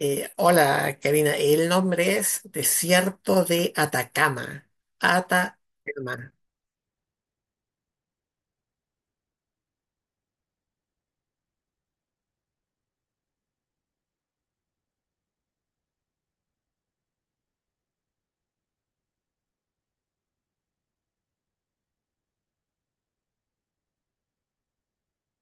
Hola, Karina. El nombre es Desierto de Atacama. Atacama.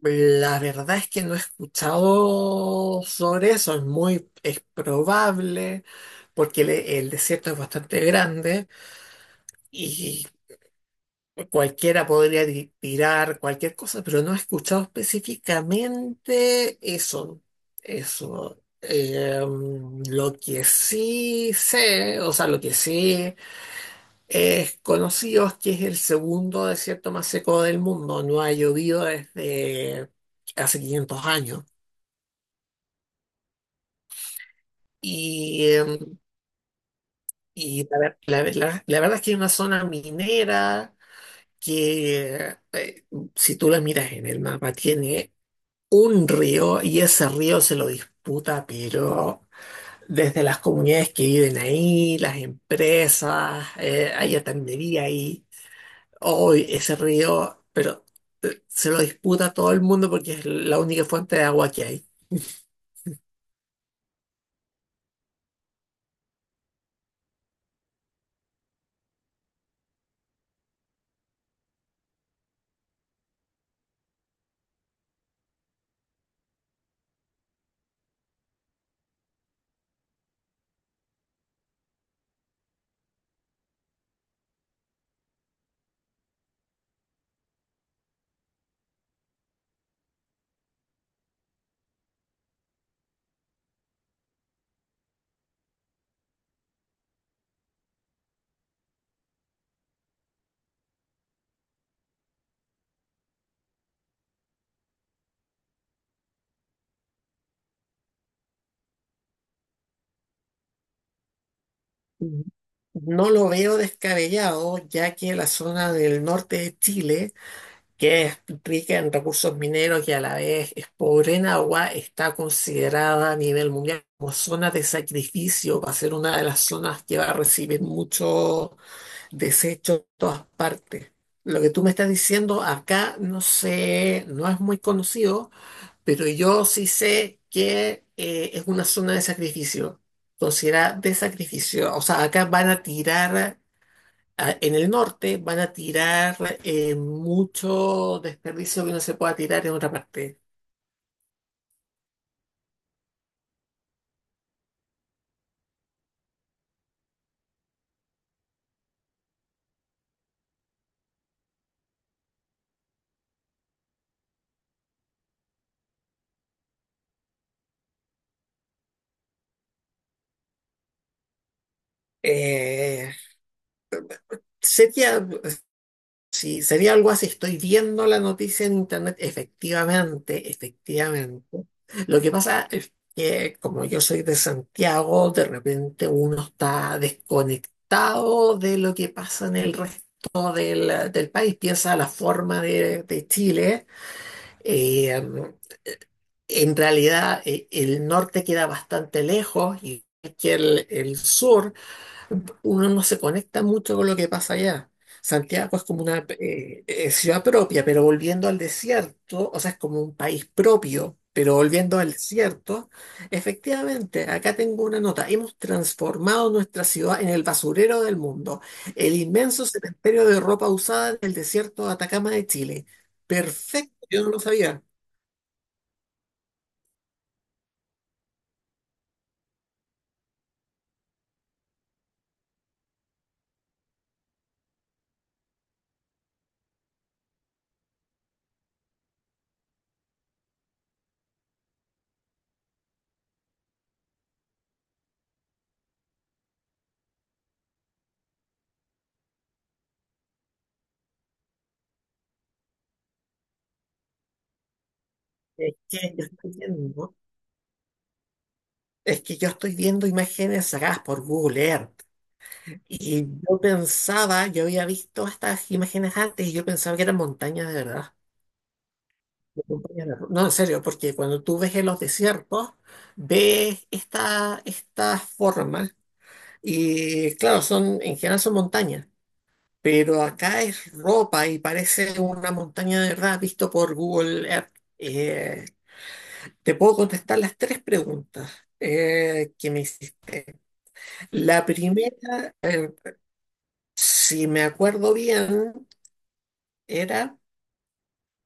La verdad es que no he escuchado sobre eso. Es probable, porque el desierto es bastante grande y cualquiera podría tirar cualquier cosa, pero no he escuchado específicamente eso. Eso. Eh, lo que sí sé, o sea, lo que sí. Es conocido que es el segundo desierto más seco del mundo. No ha llovido desde hace 500 años. Y, eh, y la verdad es que es una zona minera que, si tú la miras en el mapa, tiene un río y ese río se lo disputa, pero desde las comunidades que viven ahí, las empresas, hay atendería ahí. Hoy ese río, pero se lo disputa todo el mundo porque es la única fuente de agua que hay. Mm. No lo veo descabellado, ya que la zona del norte de Chile, que es rica en recursos mineros y a la vez es pobre en agua, está considerada a nivel mundial como zona de sacrificio. Va a ser una de las zonas que va a recibir mucho desecho de todas partes. Lo que tú me estás diciendo acá no sé, no es muy conocido. Pero yo sí sé que es una zona de sacrificio, considerada de sacrificio. O sea, acá van a tirar, en el norte van a tirar mucho desperdicio que no se pueda tirar en otra parte. Eh, sería, Sí, sería algo así. Estoy viendo la noticia en internet, efectivamente, efectivamente. Lo que pasa es que como yo soy de Santiago, de repente uno está desconectado de lo que pasa en el resto del país, piensa la forma de Chile. eh, en realidad, el norte queda bastante lejos, y que el sur uno no se conecta mucho con lo que pasa allá. Santiago es como una ciudad propia, pero volviendo al desierto, o sea, es como un país propio, pero volviendo al desierto, efectivamente, acá tengo una nota, hemos transformado nuestra ciudad en el basurero del mundo, el inmenso cementerio de ropa usada del desierto de Atacama de Chile. Perfecto, yo no lo sabía. Es que yo estoy viendo, ¿no? Es que yo estoy viendo imágenes sacadas por Google Earth. Y yo pensaba, yo había visto estas imágenes antes y yo pensaba que eran montañas de verdad. No, en serio, porque cuando tú ves en los desiertos, ves estas formas y claro, son, en general son montañas, pero acá es ropa y parece una montaña de verdad visto por Google Earth. Eh, Te puedo contestar las tres preguntas que me hiciste. La primera, si me acuerdo bien, era...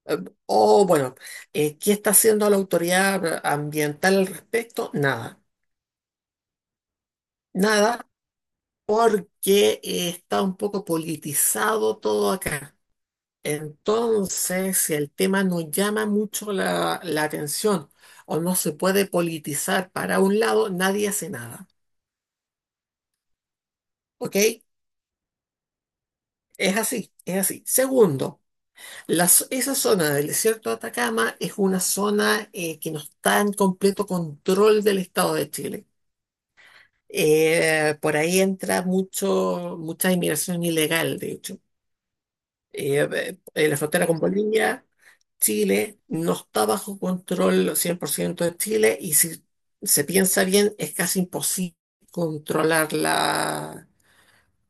Eh, O bueno, ¿qué está haciendo la autoridad ambiental al respecto? Nada, nada, porque está un poco politizado todo acá. Entonces, si el tema no llama mucho la atención o no se puede politizar para un lado, nadie hace nada. ¿Ok? Es así, es así. Segundo, esa zona del desierto de Atacama es una zona que no está en completo control del Estado de Chile. Por ahí entra mucha inmigración ilegal, de hecho. En la frontera con Bolivia, Chile no está bajo control 100% de Chile y si se piensa bien, es casi imposible controlarla,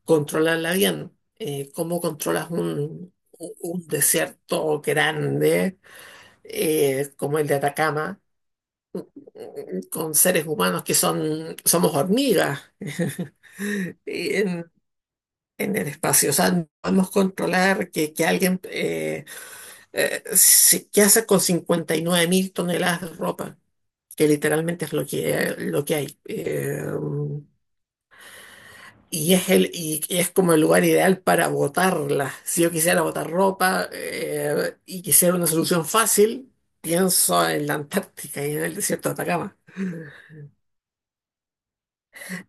controlarla bien. ¿Cómo controlas un desierto grande como el de Atacama con seres humanos que son, somos hormigas? En- en el espacio. O sea, no podemos controlar que alguien, ¿qué hace con 59 mil toneladas de ropa? Que literalmente es lo que hay. Y es el y es como el lugar ideal para botarla. Si yo quisiera botar ropa, y quisiera una solución fácil, pienso en la Antártica y en el desierto de Atacama.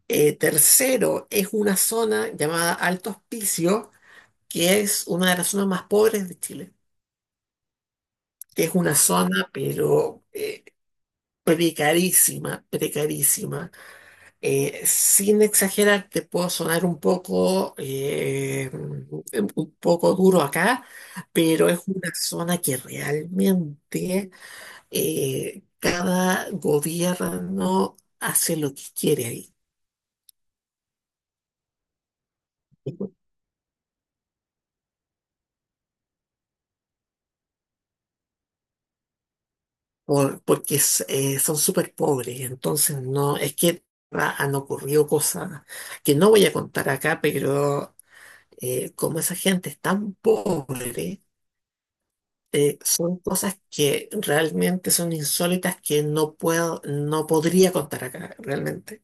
Tercero, es una zona llamada Alto Hospicio, que es una de las zonas más pobres de Chile. Que es una zona, pero precarísima, precarísima. Sin exagerar, te puedo sonar un poco duro acá, pero es una zona que realmente cada gobierno hace lo que quiere ahí. Porque es, son súper pobres, entonces no, es que ah, han ocurrido cosas que no voy a contar acá, pero como esa gente es tan pobre, son cosas que realmente son insólitas que no puedo, no podría contar acá realmente.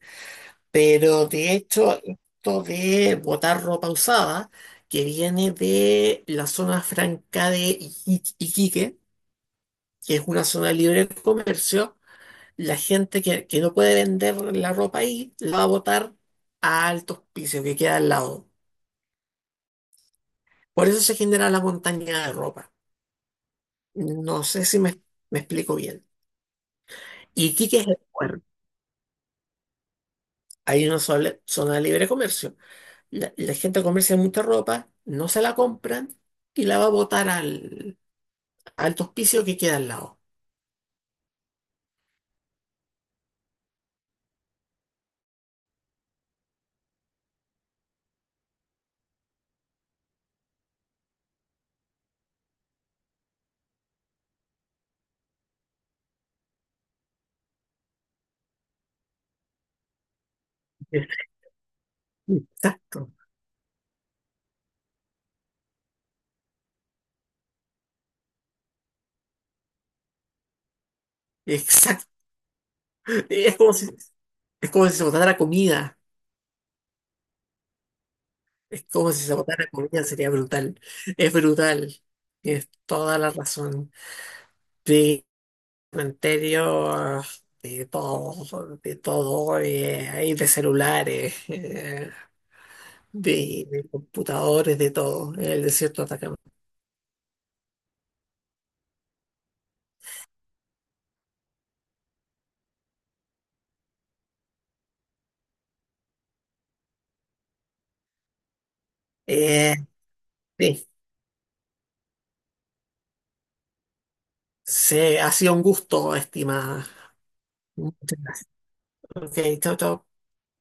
Pero de hecho, esto de botar ropa usada, que viene de la zona franca de Iquique, que es una zona libre de comercio, la gente que no puede vender la ropa ahí, la va a botar a altos pisos que queda al lado. Por eso se genera la montaña de ropa. No sé si me, Me explico bien. Iquique es el puerto. Hay una zona de libre comercio. La gente comercia mucha ropa, no se la compran y la va a botar al hospicio que queda al lado. Exacto, exacto. Es como si, es como si se botara comida. Es como si se botara comida, sería brutal. Es brutal. Tienes toda la razón. De cementerio, ah, de todo, ahí de celulares. De computadores, de todo, en el desierto de Atacama. Eh, sí, se, ha sido un gusto, estimada. Muchas gracias. Ok, chao, chao.